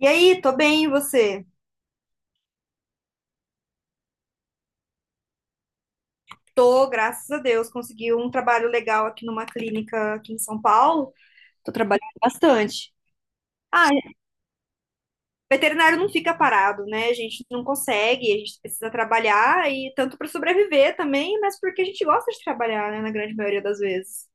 E aí, tô bem, e você? Tô, graças a Deus, consegui um trabalho legal aqui numa clínica aqui em São Paulo. Tô trabalhando bastante. Ah, veterinário não fica parado, né? A gente não consegue, a gente precisa trabalhar e tanto para sobreviver também, mas porque a gente gosta de trabalhar, né, na grande maioria das vezes.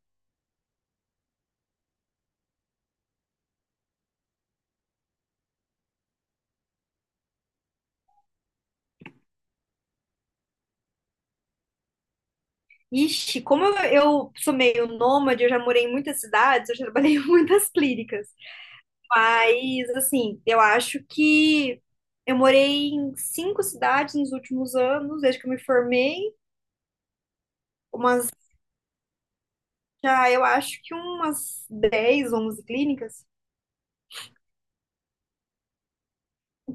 Ixi, eu sou meio nômade, eu já morei em muitas cidades, eu já trabalhei em muitas clínicas. Mas, assim, eu acho que eu morei em cinco cidades nos últimos anos, desde que eu me formei. Umas, já, eu acho que umas 10, 11 clínicas.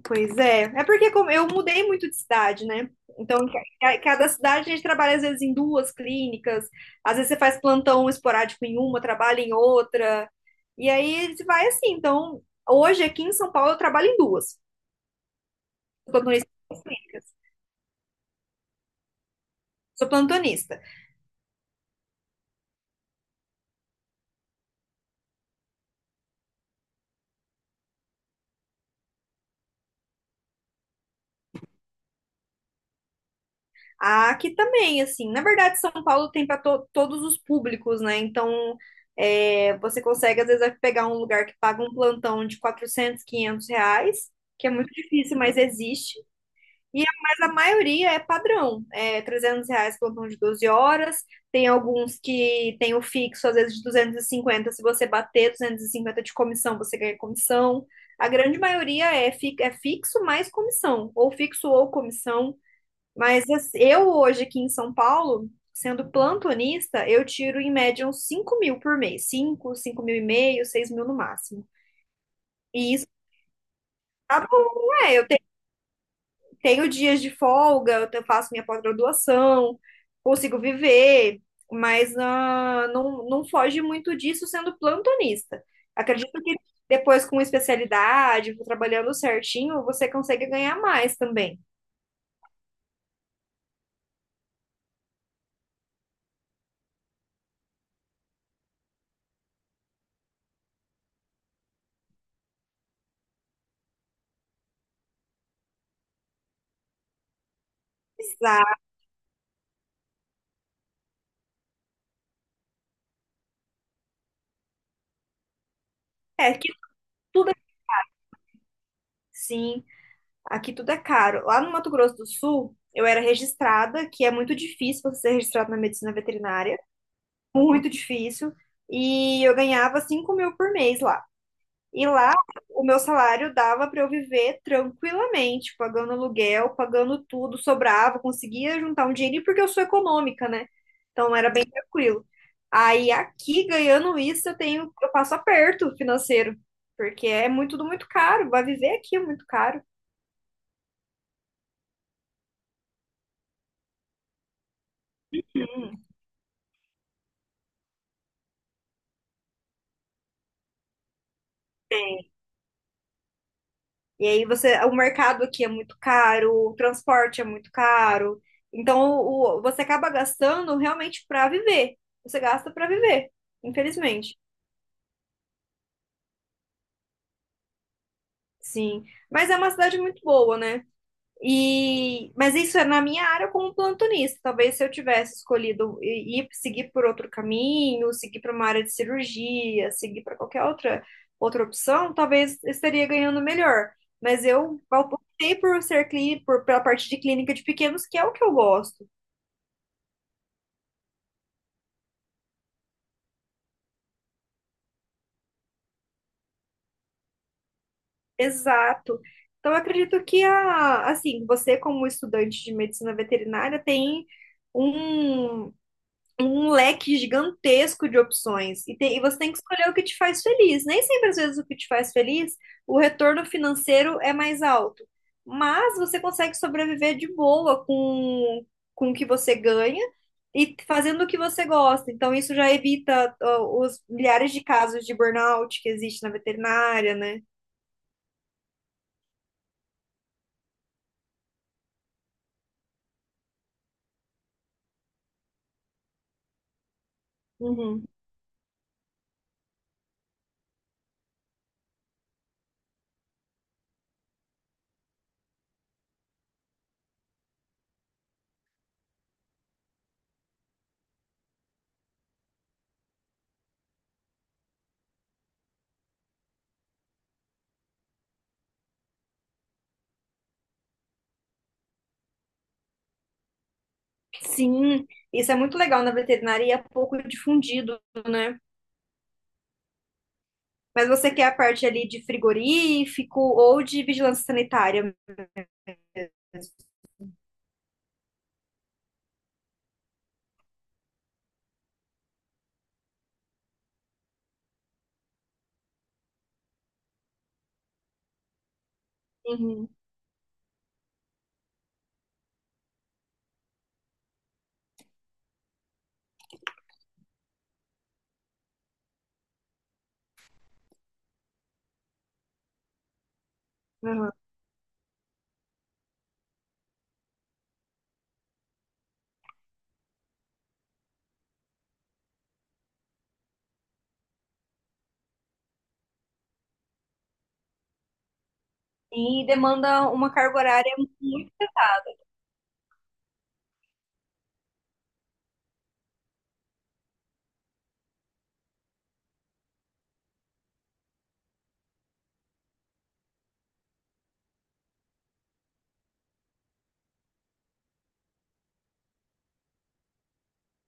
Pois é. É porque como eu mudei muito de cidade, né? Então, cada cidade a gente trabalha às vezes em duas clínicas, às vezes você faz plantão esporádico em uma, trabalha em outra. E aí você vai assim. Então, hoje aqui em São Paulo eu trabalho em duas. Sou plantonista. Sou plantonista. Ah, aqui também, assim, na verdade, São Paulo tem para todos os públicos, né? Então, é, você consegue, às vezes, pegar um lugar que paga um plantão de R$ 400, R$ 500, que é muito difícil, mas existe. Mas a maioria é padrão, é R$ 300 plantão de 12 horas, tem alguns que tem o fixo, às vezes, de 250 se você bater 250 de comissão, você ganha comissão. A grande maioria é, é fixo mais comissão, ou fixo ou comissão. Mas assim, eu hoje aqui em São Paulo, sendo plantonista, eu tiro em média uns 5 mil por mês. Cinco, 5,5 mil, 6 mil no máximo. E isso tá bom, é. Tenho dias de folga, faço minha pós-graduação, consigo viver, mas ah, não, não foge muito disso sendo plantonista. Acredito que depois com especialidade, trabalhando certinho, você consegue ganhar mais também. Exato. É que tudo é assim. Aqui tudo é caro. Lá no Mato Grosso do Sul, eu era registrada, que é muito difícil você ser registrado na medicina veterinária, muito difícil, e eu ganhava 5 mil por mês lá. E lá, o meu salário dava para eu viver tranquilamente, pagando aluguel, pagando tudo, sobrava, conseguia juntar um dinheirinho, porque eu sou econômica, né? Então era bem tranquilo. Aí aqui, ganhando isso, eu passo aperto financeiro, porque é muito, tudo muito caro, vai viver aqui é muito caro. E aí você, o mercado aqui é muito caro, o transporte é muito caro. Então você acaba gastando realmente para viver. Você gasta para viver, infelizmente. Sim, mas é uma cidade muito boa, né? E, mas isso é na minha área como plantonista. Talvez se eu tivesse escolhido ir seguir por outro caminho, seguir para uma área de cirurgia, seguir para qualquer outra opção, talvez estaria ganhando melhor. Mas eu optei por ser clínico, pela parte de clínica de pequenos, que é o que eu gosto. Exato. Então eu acredito que assim, você como estudante de medicina veterinária tem um um leque gigantesco de opções e, e você tem que escolher o que te faz feliz. Nem sempre, às vezes, o que te faz feliz, o retorno financeiro é mais alto, mas você consegue sobreviver de boa com o que você ganha e fazendo o que você gosta. Então, isso já evita, ó, os milhares de casos de burnout que existe na veterinária, né? Uhum. Sim, isso é muito legal na veterinária e é pouco difundido, né? Mas você quer a parte ali de frigorífico ou de vigilância sanitária. Uhum. Aham. E demanda uma carga horária muito.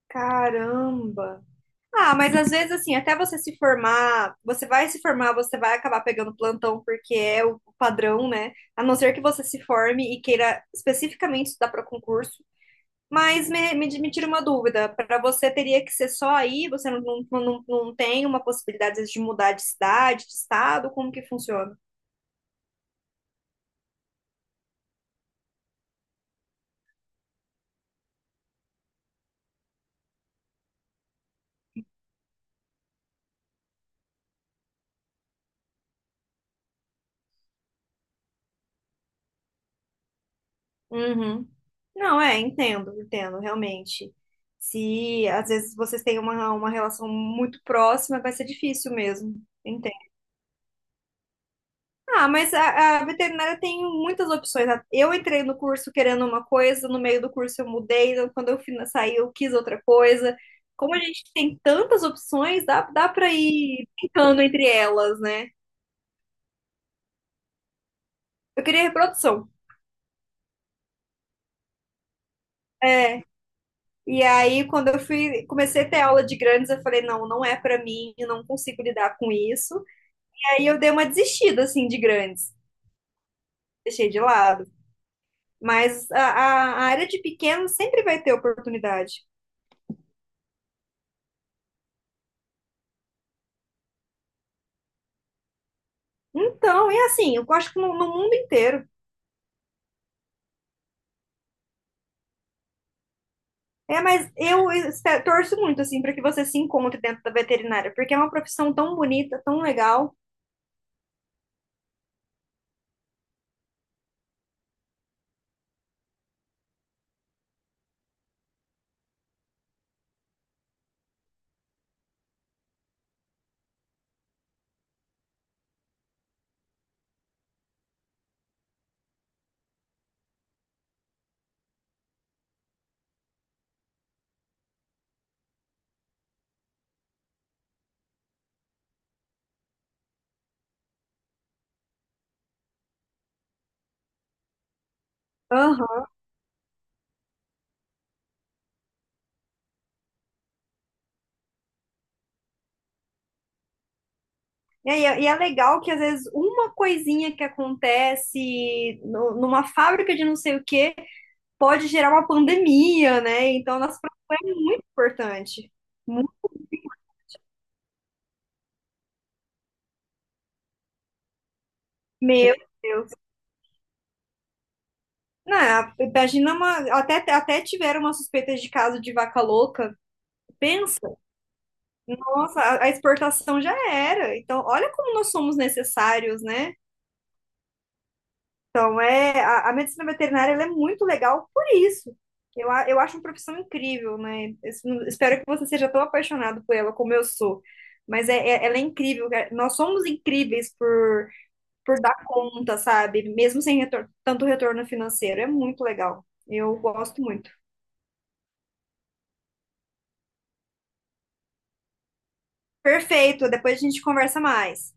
Caramba. Ah, mas às vezes, assim, até você se formar, você vai se formar, você vai acabar pegando plantão, porque é o padrão, né? A não ser que você se forme e queira especificamente estudar para concurso. Mas me tira uma dúvida: para você teria que ser só aí? Você não tem uma possibilidade às vezes, de mudar de cidade, de estado? Como que funciona? Uhum. Não, é, entendo, entendo, realmente. Se às vezes vocês têm uma relação muito próxima, vai ser difícil mesmo. Entendo. Ah, mas a veterinária tem muitas opções, né? Eu entrei no curso querendo uma coisa, no meio do curso eu mudei, então, quando eu fui sair eu quis outra coisa. Como a gente tem tantas opções, dá para ir brincando entre elas, né? Eu queria reprodução. E aí, quando eu fui, comecei a ter aula de grandes, eu falei, não, não é pra mim, eu não consigo lidar com isso. Aí eu dei uma desistida, assim, de grandes. Deixei de lado. Mas a área de pequeno sempre vai ter oportunidade. Então, é assim, eu acho que no mundo inteiro. É, mas eu torço muito, assim, para que você se encontre dentro da veterinária, porque é uma profissão tão bonita, tão legal. Aham. E é legal que, às vezes, uma coisinha que acontece numa fábrica de não sei o quê pode gerar uma pandemia, né? Então, a nossa profissão é muito importante. Muito, meu Deus. Não, imagina uma. Até tiveram uma suspeita de caso de vaca louca. Pensa, nossa, a exportação já era. Então, olha como nós somos necessários, né? Então, é, a medicina veterinária ela é muito legal por isso. Eu acho uma profissão incrível, né? Eu espero que você seja tão apaixonado por ela como eu sou. Mas é, ela é incrível, cara. Nós somos incríveis por dar conta, sabe? Mesmo sem tanto retorno financeiro. É muito legal. Eu gosto muito. Perfeito, depois a gente conversa mais.